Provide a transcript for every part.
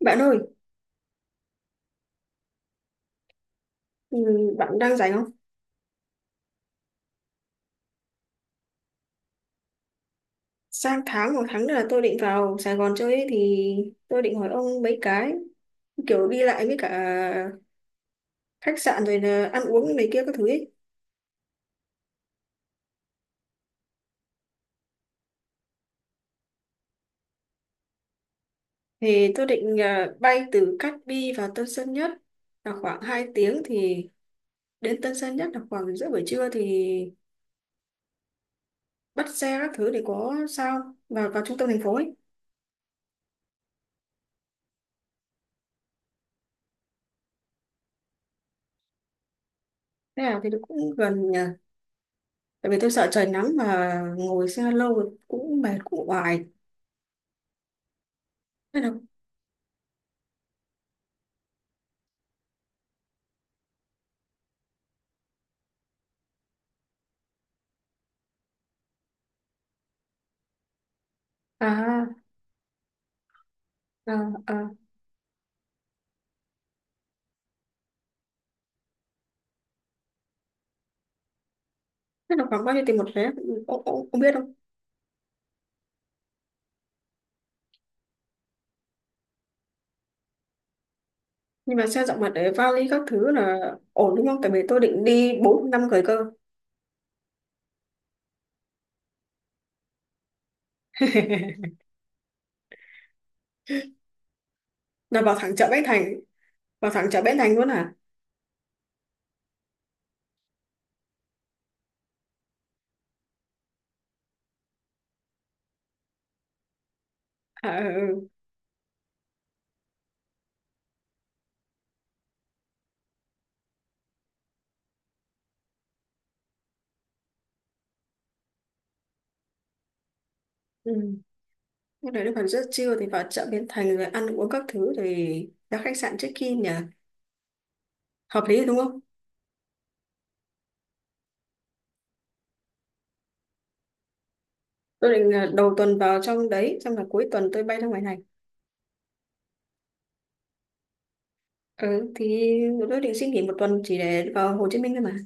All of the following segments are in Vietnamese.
Bạn ơi, ừ, bạn đang rảnh không? Sang tháng một tháng nữa là tôi định vào Sài Gòn chơi ấy, thì tôi định hỏi ông mấy cái kiểu đi lại với cả khách sạn rồi là ăn uống này kia các thứ ấy. Thì tôi định bay từ Cát Bi vào Tân Sơn Nhất là khoảng 2 tiếng thì đến Tân Sơn Nhất là khoảng giữa buổi trưa thì bắt xe các thứ để có sao vào vào trung tâm thành phố ấy. Thế nào thì nó cũng gần nhà. Tại vì tôi sợ trời nắng mà ngồi xe lâu cũng mệt cũng oải. Thế nào? À, à, à. Thế là khoảng bao nhiêu tiền một vé? Ông biết không? Nhưng mà xe rộng mặt để vali các thứ là ổn đúng không? Tại vì tôi định đi 4 năm người cơ. Là vào thẳng chợ Bến Thành. Vào thẳng chợ Bến Thành luôn à? À ừ. Ừ. Ừ. Lúc đấy nó còn rất chill thì vào chợ Bến Thành rồi ăn uống các thứ thì ra khách sạn check in nhỉ? Hợp lý đúng không? Tôi định là đầu tuần vào trong đấy xong là cuối tuần tôi bay ra ngoài này. Ừ, thì tôi định xin nghỉ một tuần chỉ để vào Hồ Chí Minh thôi mà.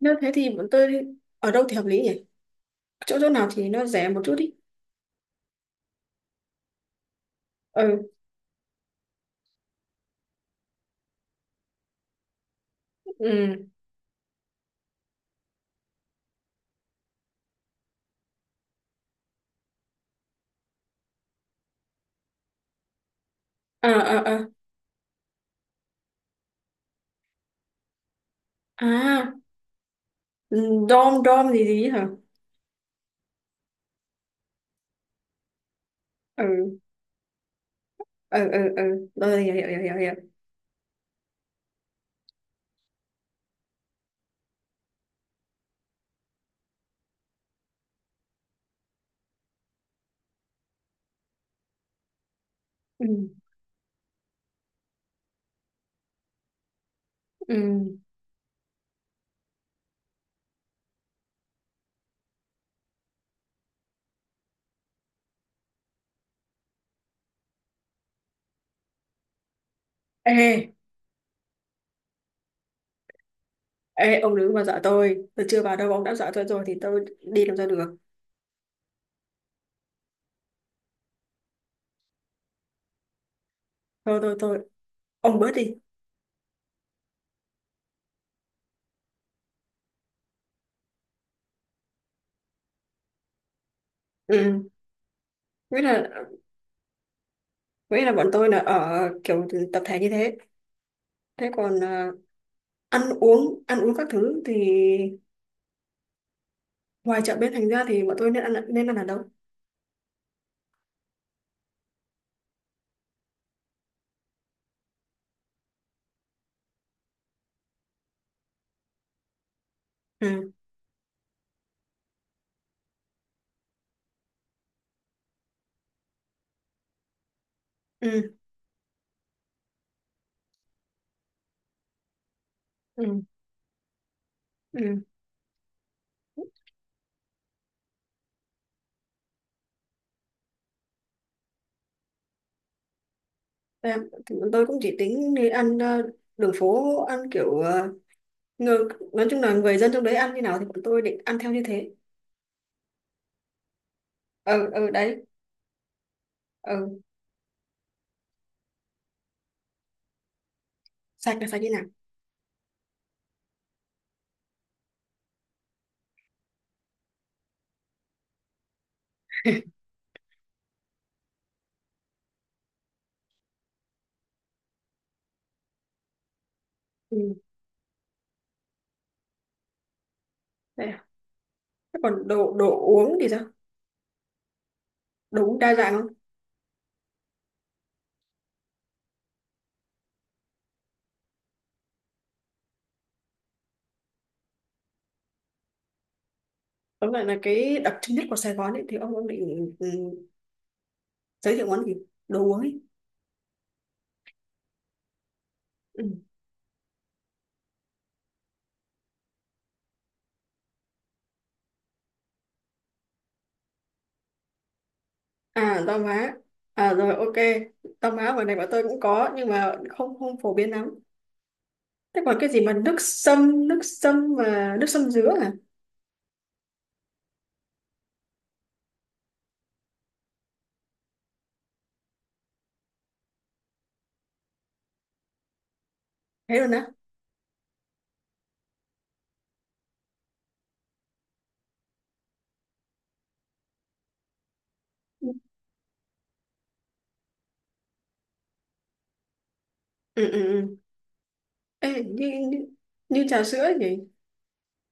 Nếu thế thì bọn tôi ở đâu thì hợp lý nhỉ? Chỗ chỗ nào thì nó rẻ một chút đi. Ừ, ừ. À, à, à, à, ừ. Dom dom gì gì hả? Ừ, ừ, ừ, ừ, tôi hiểu hiểu hiểu hiểu hiểu. Ừ, ừ. Ê ê, ông đừng mà dọa tôi chưa vào đâu ông đã dọa tôi rồi thì tôi đi làm sao được. Thôi, thôi, thôi, ông bớt đi. Ừ, nghĩa là nghĩa là bọn tôi là ở kiểu tập thể như thế. Thế còn ăn uống các thứ thì ngoài chợ bên thành ra thì bọn tôi nên ăn ở đâu? Ừ, ừ, ừ, ừ. Em, tôi cũng chỉ tính đi ăn đường phố, ăn kiểu người, nói chung là người dân trong đấy ăn như nào thì bọn tôi định ăn theo như thế. Ờ Đấy. ờ Sạch là sạch như nào? Ừ, đấy. Ạ. Thế còn đồ đồ uống thì sao? Đồ uống đa dạng không? Tóm lại là cái đặc trưng nhất của Sài Gòn ấy thì ông định giới thiệu món gì, đồ uống ấy? Ừ. À rau má. À rồi, ok. Rau má ngoài này bọn tôi cũng có nhưng mà không không phổ biến lắm. Thế còn cái gì mà nước sâm, nước sâm mà nước sâm dứa à? Thế rồi nè. Ừ, ừ. Ừ. Ê, như trà sữa nhỉ?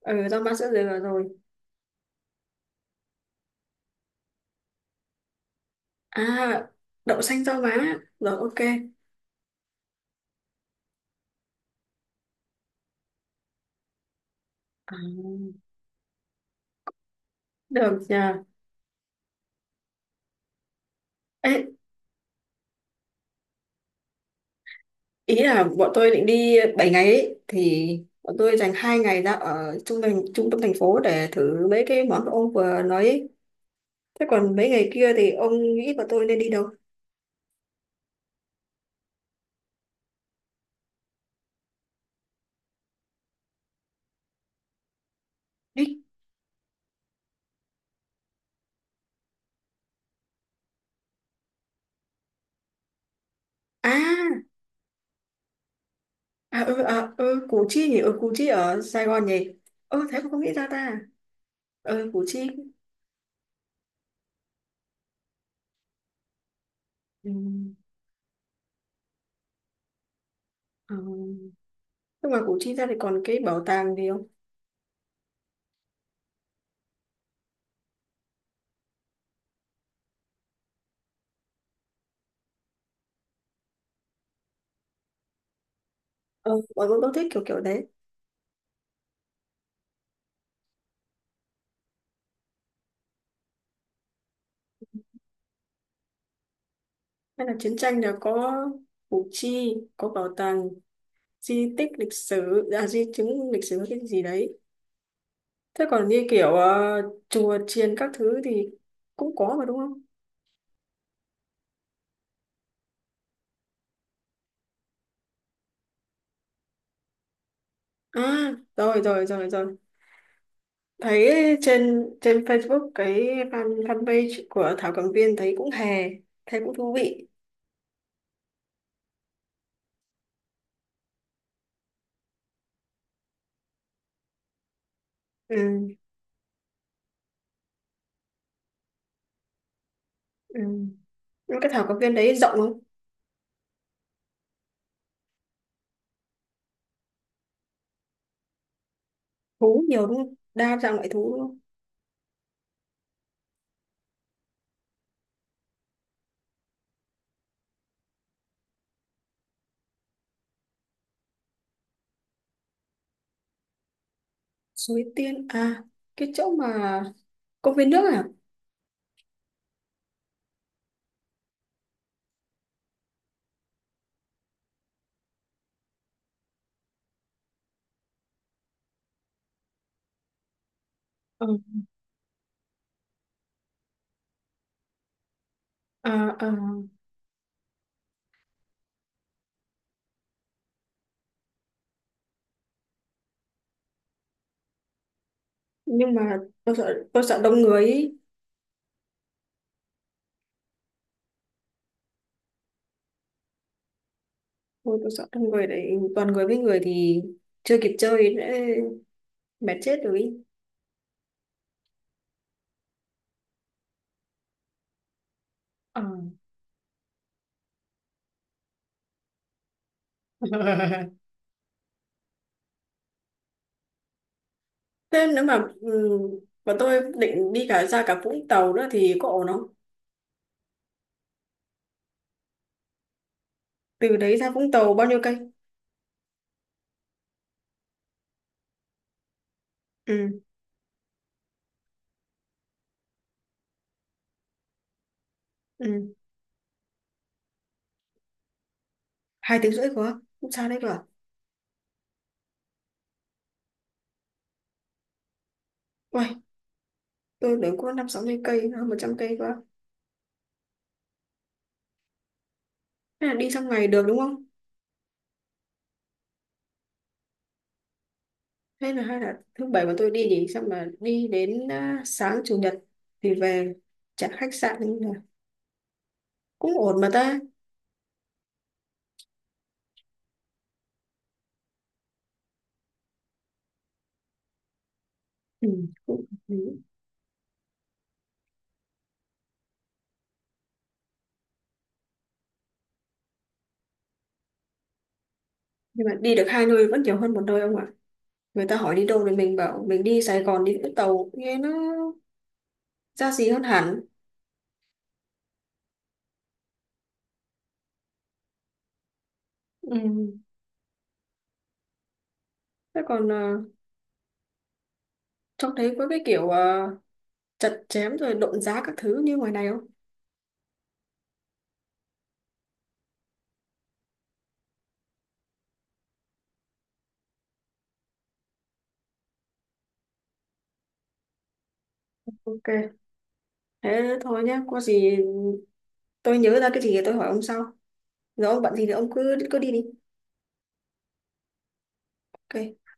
Ừ, rau má sữa dừa vào rồi. À, đậu xanh rau má rồi, ok. À, được nhờ. Ê, ý là bọn tôi định đi 7 ngày ấy, thì bọn tôi dành 2 ngày ra ở trung tâm thành phố để thử mấy cái món ông vừa nói ấy. Thế còn mấy ngày kia thì ông nghĩ bọn tôi nên đi đâu? Đi, à, à, ừ, à, ừ Củ Chi nhỉ. Ừ Củ Chi ở Sài Gòn nhỉ. Ừ thế mà không nghĩ ra ta. Ừ Củ Chi. Ừ. Ừ. Nhưng mà Củ Chi ra thì còn cái bảo tàng gì không? Ờ Bọn tôi thích kiểu kiểu đấy. Hay là chiến tranh là có, Củ Chi có bảo tàng di tích lịch sử, à di chứng lịch sử cái gì đấy. Thế còn như kiểu chùa chiền các thứ thì cũng có mà đúng không? À rồi, rồi, rồi, rồi. Thấy trên trên Facebook cái fanpage của Thảo Cầm Viên thấy cũng hè, thấy cũng thú vị. Ừ, ừ. Nhưng cái Thảo Cầm Viên đấy rộng không? Thú nhiều đúng không? Đa dạng loại thú đúng không? Suối Tiên à? Cái chỗ mà công viên nước à? ờ À, à. Nhưng mà tôi sợ đông người ý. Ôi, tôi sợ đông người đấy, toàn người với người thì chưa kịp chơi đã mệt chết rồi ý. Ờ. Thế nếu mà mà tôi định đi cả ra cả Vũng Tàu nữa thì có ổn không? Từ đấy ra Vũng Tàu bao nhiêu cây? Ừ, ừ. 2 tiếng rưỡi quá, không xa đấy cơ à? Uầy, tôi tưởng có năm sáu mươi cây, hơn 100 cây quá. Thế là đi trong ngày được đúng không? Hay là thứ bảy mà tôi đi nhỉ, xong là đi đến sáng chủ nhật thì về trả khách sạn cũng là cũng ổn mà ta. Ừ, cũng hợp lý. Nhưng mà đi được hai nơi vẫn nhiều hơn một nơi ông ạ. Người ta hỏi đi đâu thì mình bảo mình đi Sài Gòn đi Vũng Tàu, nghe nó ra gì hơn hẳn. Ừ. Thế còn trông thấy có cái kiểu chặt chém rồi độn giá các thứ như ngoài này không? Ok. Thế thôi nhá, có gì tôi nhớ ra cái gì thì tôi hỏi ông sau. Rồi ông bận gì thì ông cứ cứ đi đi. Ok.